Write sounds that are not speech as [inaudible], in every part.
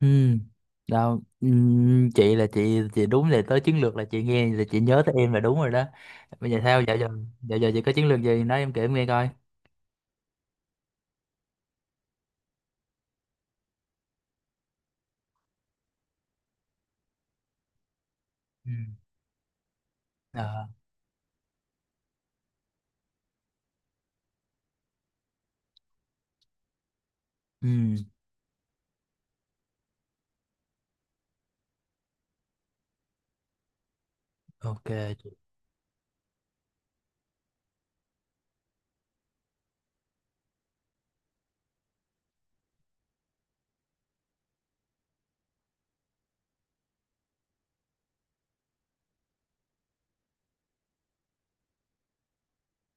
Ừ, đâu, ừ, chị đúng là tới chiến lược là chị nghe là chị nhớ tới em là đúng rồi đó. Bây giờ sao giờ giờ, giờ chị có chiến lược gì nói em kể em nghe coi. Ừ. Ờ, ừ, ok chị.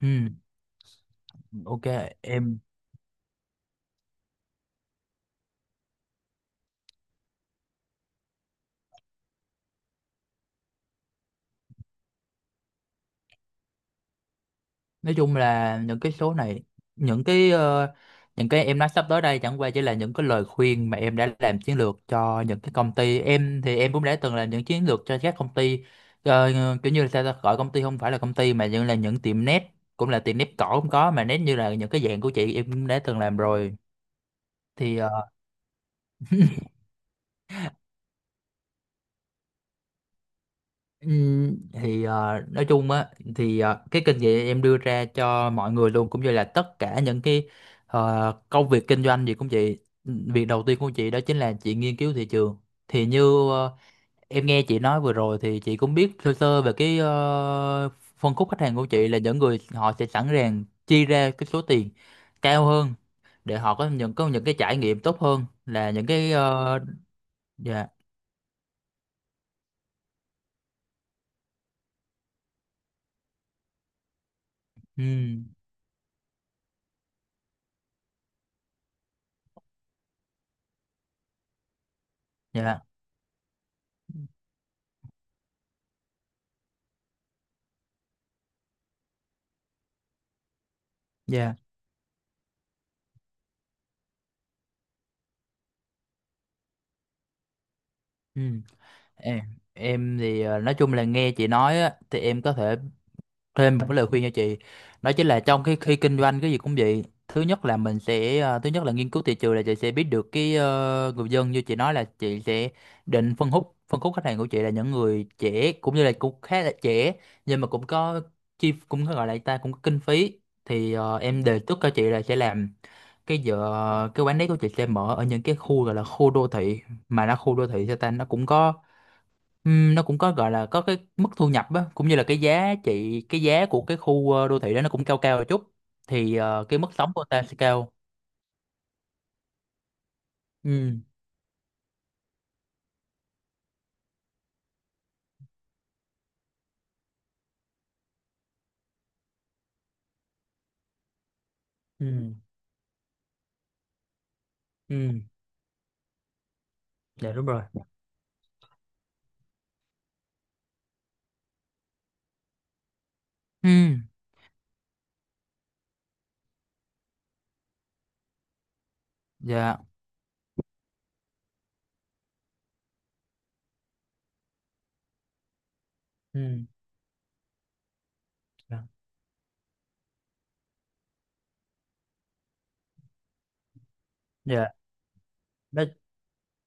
ừ, ok em, nói chung là những cái số này, những cái em nói sắp tới đây chẳng qua chỉ là những cái lời khuyên mà em đã làm chiến lược cho những cái công ty. Em thì em cũng đã từng làm những chiến lược cho các công ty. Ờ, Kiểu như là sao ta, gọi công ty không phải là công ty mà những là những tiệm net, cũng là tiệm nét cỏ cũng có, mà nét như là những cái dạng của chị em cũng đã từng làm rồi. thì ờ, nói chung á, cái kinh nghiệm em đưa ra cho mọi người luôn cũng như là tất cả những cái công việc kinh doanh gì cũng vậy. Việc đầu tiên của chị đó chính là chị nghiên cứu thị trường. Thì như ờ, em nghe chị nói vừa rồi thì chị cũng biết sơ sơ về cái phân khúc khách hàng của chị là những người họ sẽ sẵn sàng chi ra cái số tiền cao hơn để họ có những cái trải nghiệm tốt hơn là những cái ờ, dạ. Ừm. Dạ. Dạ. Ừm. em em thì nói chung là nghe chị nói á, thì em có thể thêm một cái lời khuyên cho chị, đó chính là trong cái khi kinh doanh cái gì cũng vậy, thứ nhất là mình sẽ thứ nhất là nghiên cứu thị trường là chị sẽ biết được cái người dân, như chị nói là chị sẽ định phân khúc, phân khúc khách hàng của chị là những người trẻ, cũng như là cũng khá là trẻ, nhưng mà cũng có chi, cũng có gọi là ta cũng có kinh phí, em đề xuất cho chị là sẽ làm cái giờ, cái quán đấy của chị sẽ mở ở những cái khu gọi là khu đô thị, mà nó khu đô thị sao ta nó cũng có. Nó cũng có gọi là có cái mức thu nhập á, cũng như là cái giá trị, cái giá của cái khu đô thị đó nó cũng cao cao một chút, cái mức sống của ta sẽ cao. Ừ. Ừ. Ừ. Dạ đúng rồi. Ừ. Dạ. Ừ. Dạ. Dạ. Đó,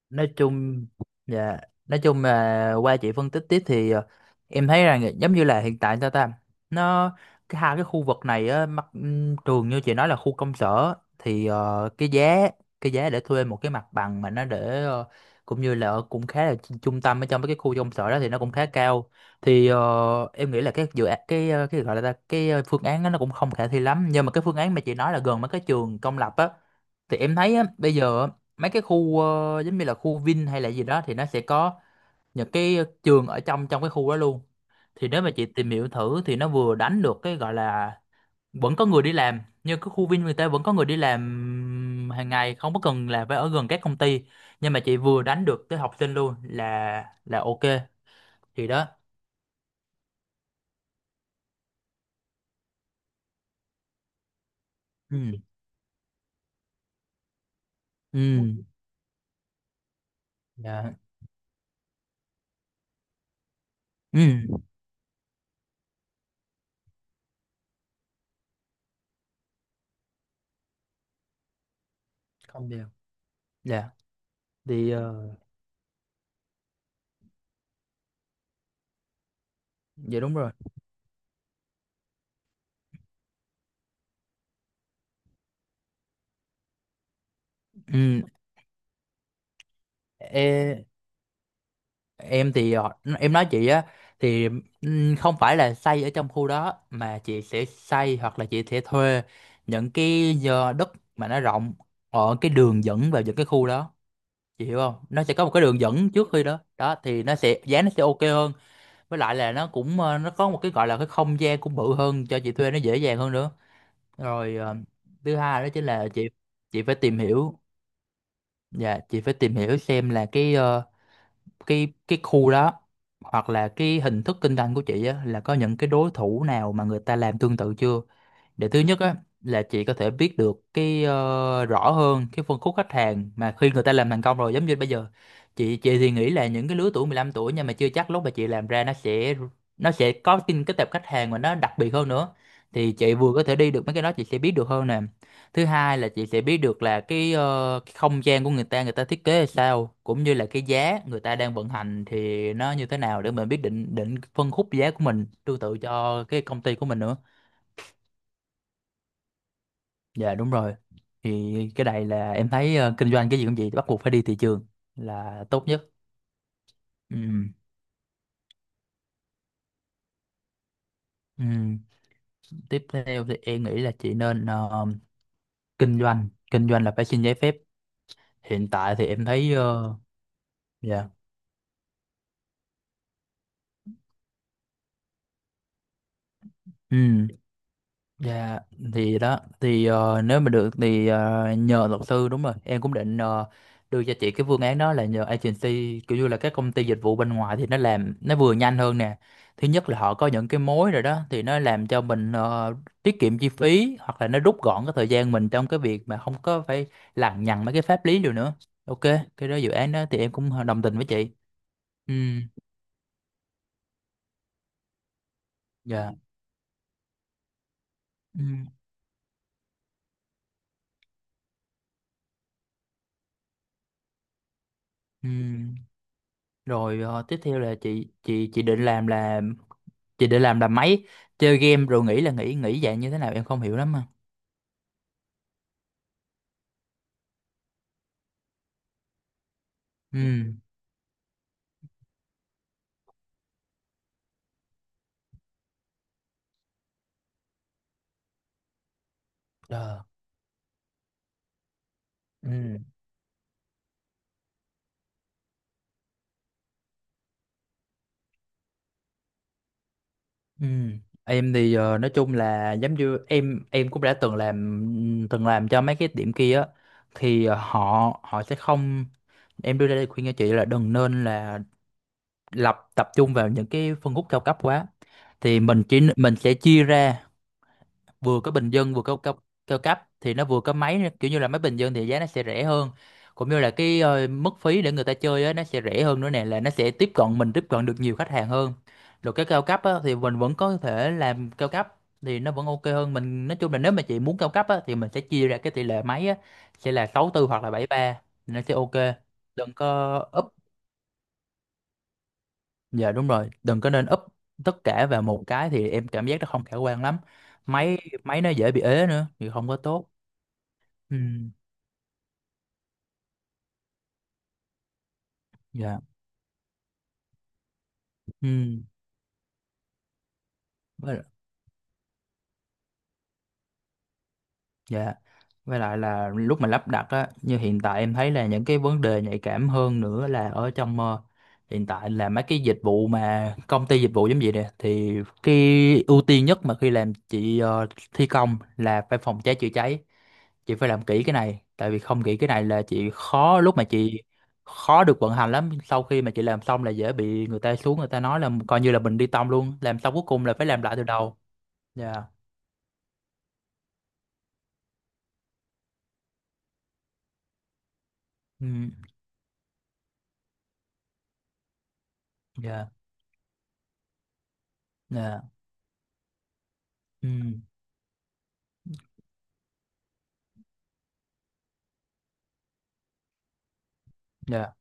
nói chung, dạ, nói chung là qua chị phân tích tiếp em thấy rằng giống như là hiện tại sao ta nó cái hai cái khu vực này á, mặt trường như chị nói là khu công sở cái giá, cái giá để thuê một cái mặt bằng mà nó để cũng như là ở cũng khá là chu- trung tâm ở trong mấy cái khu công sở đó thì nó cũng khá cao, em nghĩ là cái dự án cái cái gọi là ta- cái phương án đó nó cũng không khả thi lắm, nhưng mà cái phương án mà chị nói là gần mấy cái trường công lập á, thì em thấy á, bây giờ mấy cái khu giống như là khu Vin hay là gì đó thì nó sẽ có những cái trường ở trong trong cái khu đó luôn. Thì nếu mà chị tìm hiểu thử thì nó vừa đánh được cái gọi là vẫn có người đi làm, như cái khu Vin người ta vẫn có người đi làm hàng ngày không có cần là phải ở gần các công ty, nhưng mà chị vừa đánh được tới học sinh luôn, là ok, thì đó. Ừ. Ừ. Dạ. Ừ. Không đều. Dạ. thì ờ, dạ đúng rồi. Ừ. e em thì họ-, em nói chị á, thì không phải là xây ở trong khu đó mà chị sẽ xây hoặc là chị sẽ thuê những cái giờ đất mà nó rộng ở cái đường dẫn vào những cái khu đó, chị hiểu không, nó sẽ có một cái đường dẫn trước khi đó đó thì nó sẽ giá, nó sẽ ok hơn, với lại là nó cũng nó có một cái gọi là cái không gian cũng bự hơn cho chị thuê nó dễ dàng hơn nữa. Rồi thứ hai đó chính là chị phải tìm hiểu, dạ, chị phải tìm hiểu xem là cái khu đó hoặc là cái hình thức kinh doanh của chị á, là có những cái đối thủ nào mà người ta làm tương tự chưa, để thứ nhất á là chị có thể biết được rõ hơn cái phân khúc khách hàng mà khi người ta làm thành công rồi. Giống như bây giờ chị thì nghĩ là những cái lứa tuổi 15 tuổi, nhưng mà chưa chắc lúc mà chị làm ra nó sẽ, nó sẽ có cái tệp khách hàng mà nó đặc biệt hơn nữa, thì chị vừa có thể đi được mấy cái đó chị sẽ biết được hơn nè. Thứ hai là chị sẽ biết được là cái, ờ, cái không gian của người ta, người ta thiết kế là sao, cũng như là cái giá người ta đang vận hành thì nó như thế nào để mình biết định, định phân khúc giá của mình tương tự cho cái công ty của mình nữa. Dạ đúng rồi. Thì cái này là em thấy kinh doanh cái gì cũng vậy, bắt buộc phải đi thị trường là tốt nhất. Ừ. Ừ. Tiếp theo thì em nghĩ là chị nên kinh doanh là phải xin giấy phép. Hiện tại thì em thấy ờ, dạ. Ừ. Dạ, thì đó nếu mà được nhờ luật sư đúng rồi, em cũng định ờ, đưa cho chị cái phương án đó là nhờ agency, kiểu như là các công ty dịch vụ bên ngoài thì nó làm nó vừa nhanh hơn nè, thứ nhất là họ có những cái mối rồi đó thì nó làm cho mình tiết kiệm chi phí, hoặc là nó rút gọn cái thời gian mình trong cái việc mà không có phải lằng nhằng mấy cái pháp lý điều nữa. Ok, cái đó dự án đó thì em cũng đồng tình với chị. Ừ. Dạ. Ừ. Ừ. Rồi tiếp theo là chị định làm là chị định làm là máy chơi game, rồi nghĩ là nghĩ nghĩ dạng như thế nào em không hiểu lắm mà. Ừ. Ờ. Ừ. Ừ. Em thì nói chung là giống như em cũng đã từng làm cho mấy cái điểm kia á, họ họ sẽ không. Em đưa ra đây khuyên cho chị là đừng nên là lập, tập trung vào những cái phân khúc cao cấp quá, thì mình chỉ mình sẽ chia ra vừa có bình dân vừa có cao, cao cấp, thì nó vừa có máy kiểu như là máy bình dân thì giá nó sẽ rẻ hơn, cũng như là cái mức phí để người ta chơi á, nó sẽ rẻ hơn nữa nè, là nó sẽ tiếp cận mình tiếp cận được nhiều khách hàng hơn. Rồi cái cao cấp á, thì mình vẫn có thể làm cao cấp thì nó vẫn ok hơn. Mình nói chung là nếu mà chị muốn cao cấp á, thì mình sẽ chia ra cái tỷ lệ máy á, sẽ là sáu tư hoặc là bảy ba, nó sẽ ok. Đừng có up, dạ đúng rồi, đừng có nên up tất cả vào một cái thì em cảm giác nó không khả quan lắm. Máy máy nó dễ bị ế nữa thì không có tốt. Ừ. Dạ. Ừ. Với. Dạ. Với lại là lúc mà lắp đặt á, như hiện tại em thấy là những cái vấn đề nhạy cảm hơn nữa là hiện tại là mấy cái dịch vụ mà công ty dịch vụ giống vậy nè, thì cái ưu tiên nhất mà khi làm chị thi công là phải phòng cháy chữa cháy, chị phải làm kỹ cái này, tại vì không kỹ cái này là chị khó lúc mà chị khó được vận hành lắm. Sau khi mà chị làm xong là dễ bị người ta xuống, người ta nói là coi như là mình đi tông luôn, làm xong cuối cùng là phải làm lại từ đầu. Dạ. Ừ. Dạ. Dạ. Ừ. Dạ.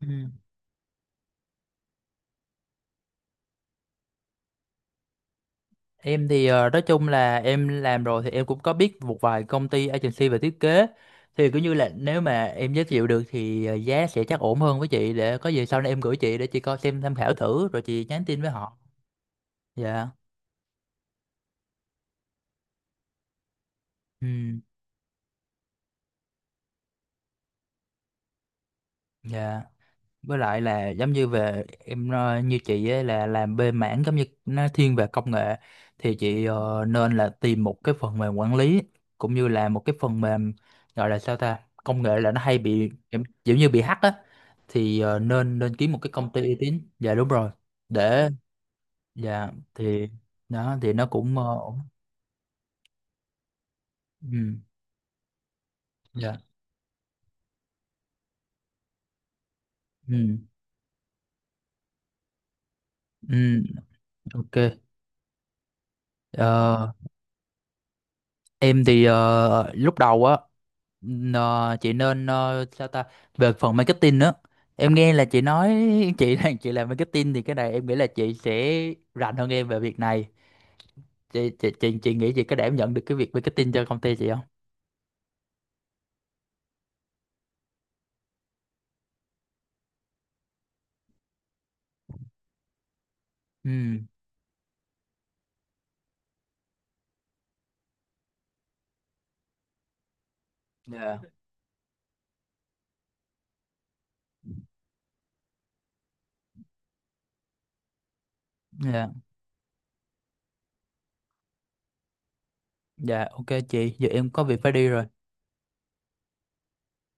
Ừ. Em thì nói chung là em làm rồi thì em cũng có biết một vài công ty agency về thiết kế, thì cứ như là nếu mà em giới thiệu được giá sẽ chắc ổn hơn với chị, để có gì sau này em gửi chị để chị coi xem tham khảo thử rồi chị nhắn tin với họ. Dạ. Ừ. Dạ. Với lại là giống như về em như chị ấy là làm bên mảng giống như nó thiên về công nghệ, thì chị nên là tìm một cái phần mềm quản lý cũng như là một cái phần mềm gọi là sao ta, công nghệ là nó hay bị giống, giống như bị hack á, nên nên kiếm một cái công ty uy tín, dạ đúng rồi. Để, dạ thì đó thì nó cũng ổn. Ừ. Dạ. Ừ. Ừ. Ok. Ờ, em thì lúc đầu á, Ờ, chị nên sao ta, về phần marketing nữa, em nghe là chị nói [laughs] chị đang chị làm marketing, thì cái này em nghĩ là chị sẽ rành hơn em về việc này. Chị nghĩ chị có đảm nhận được cái việc marketing cho công ty chị không? Ừ. Dạ. Dạ. Dạ. Ok chị, giờ em có việc phải đi rồi.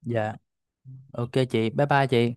Dạ, ok chị, bye bye chị.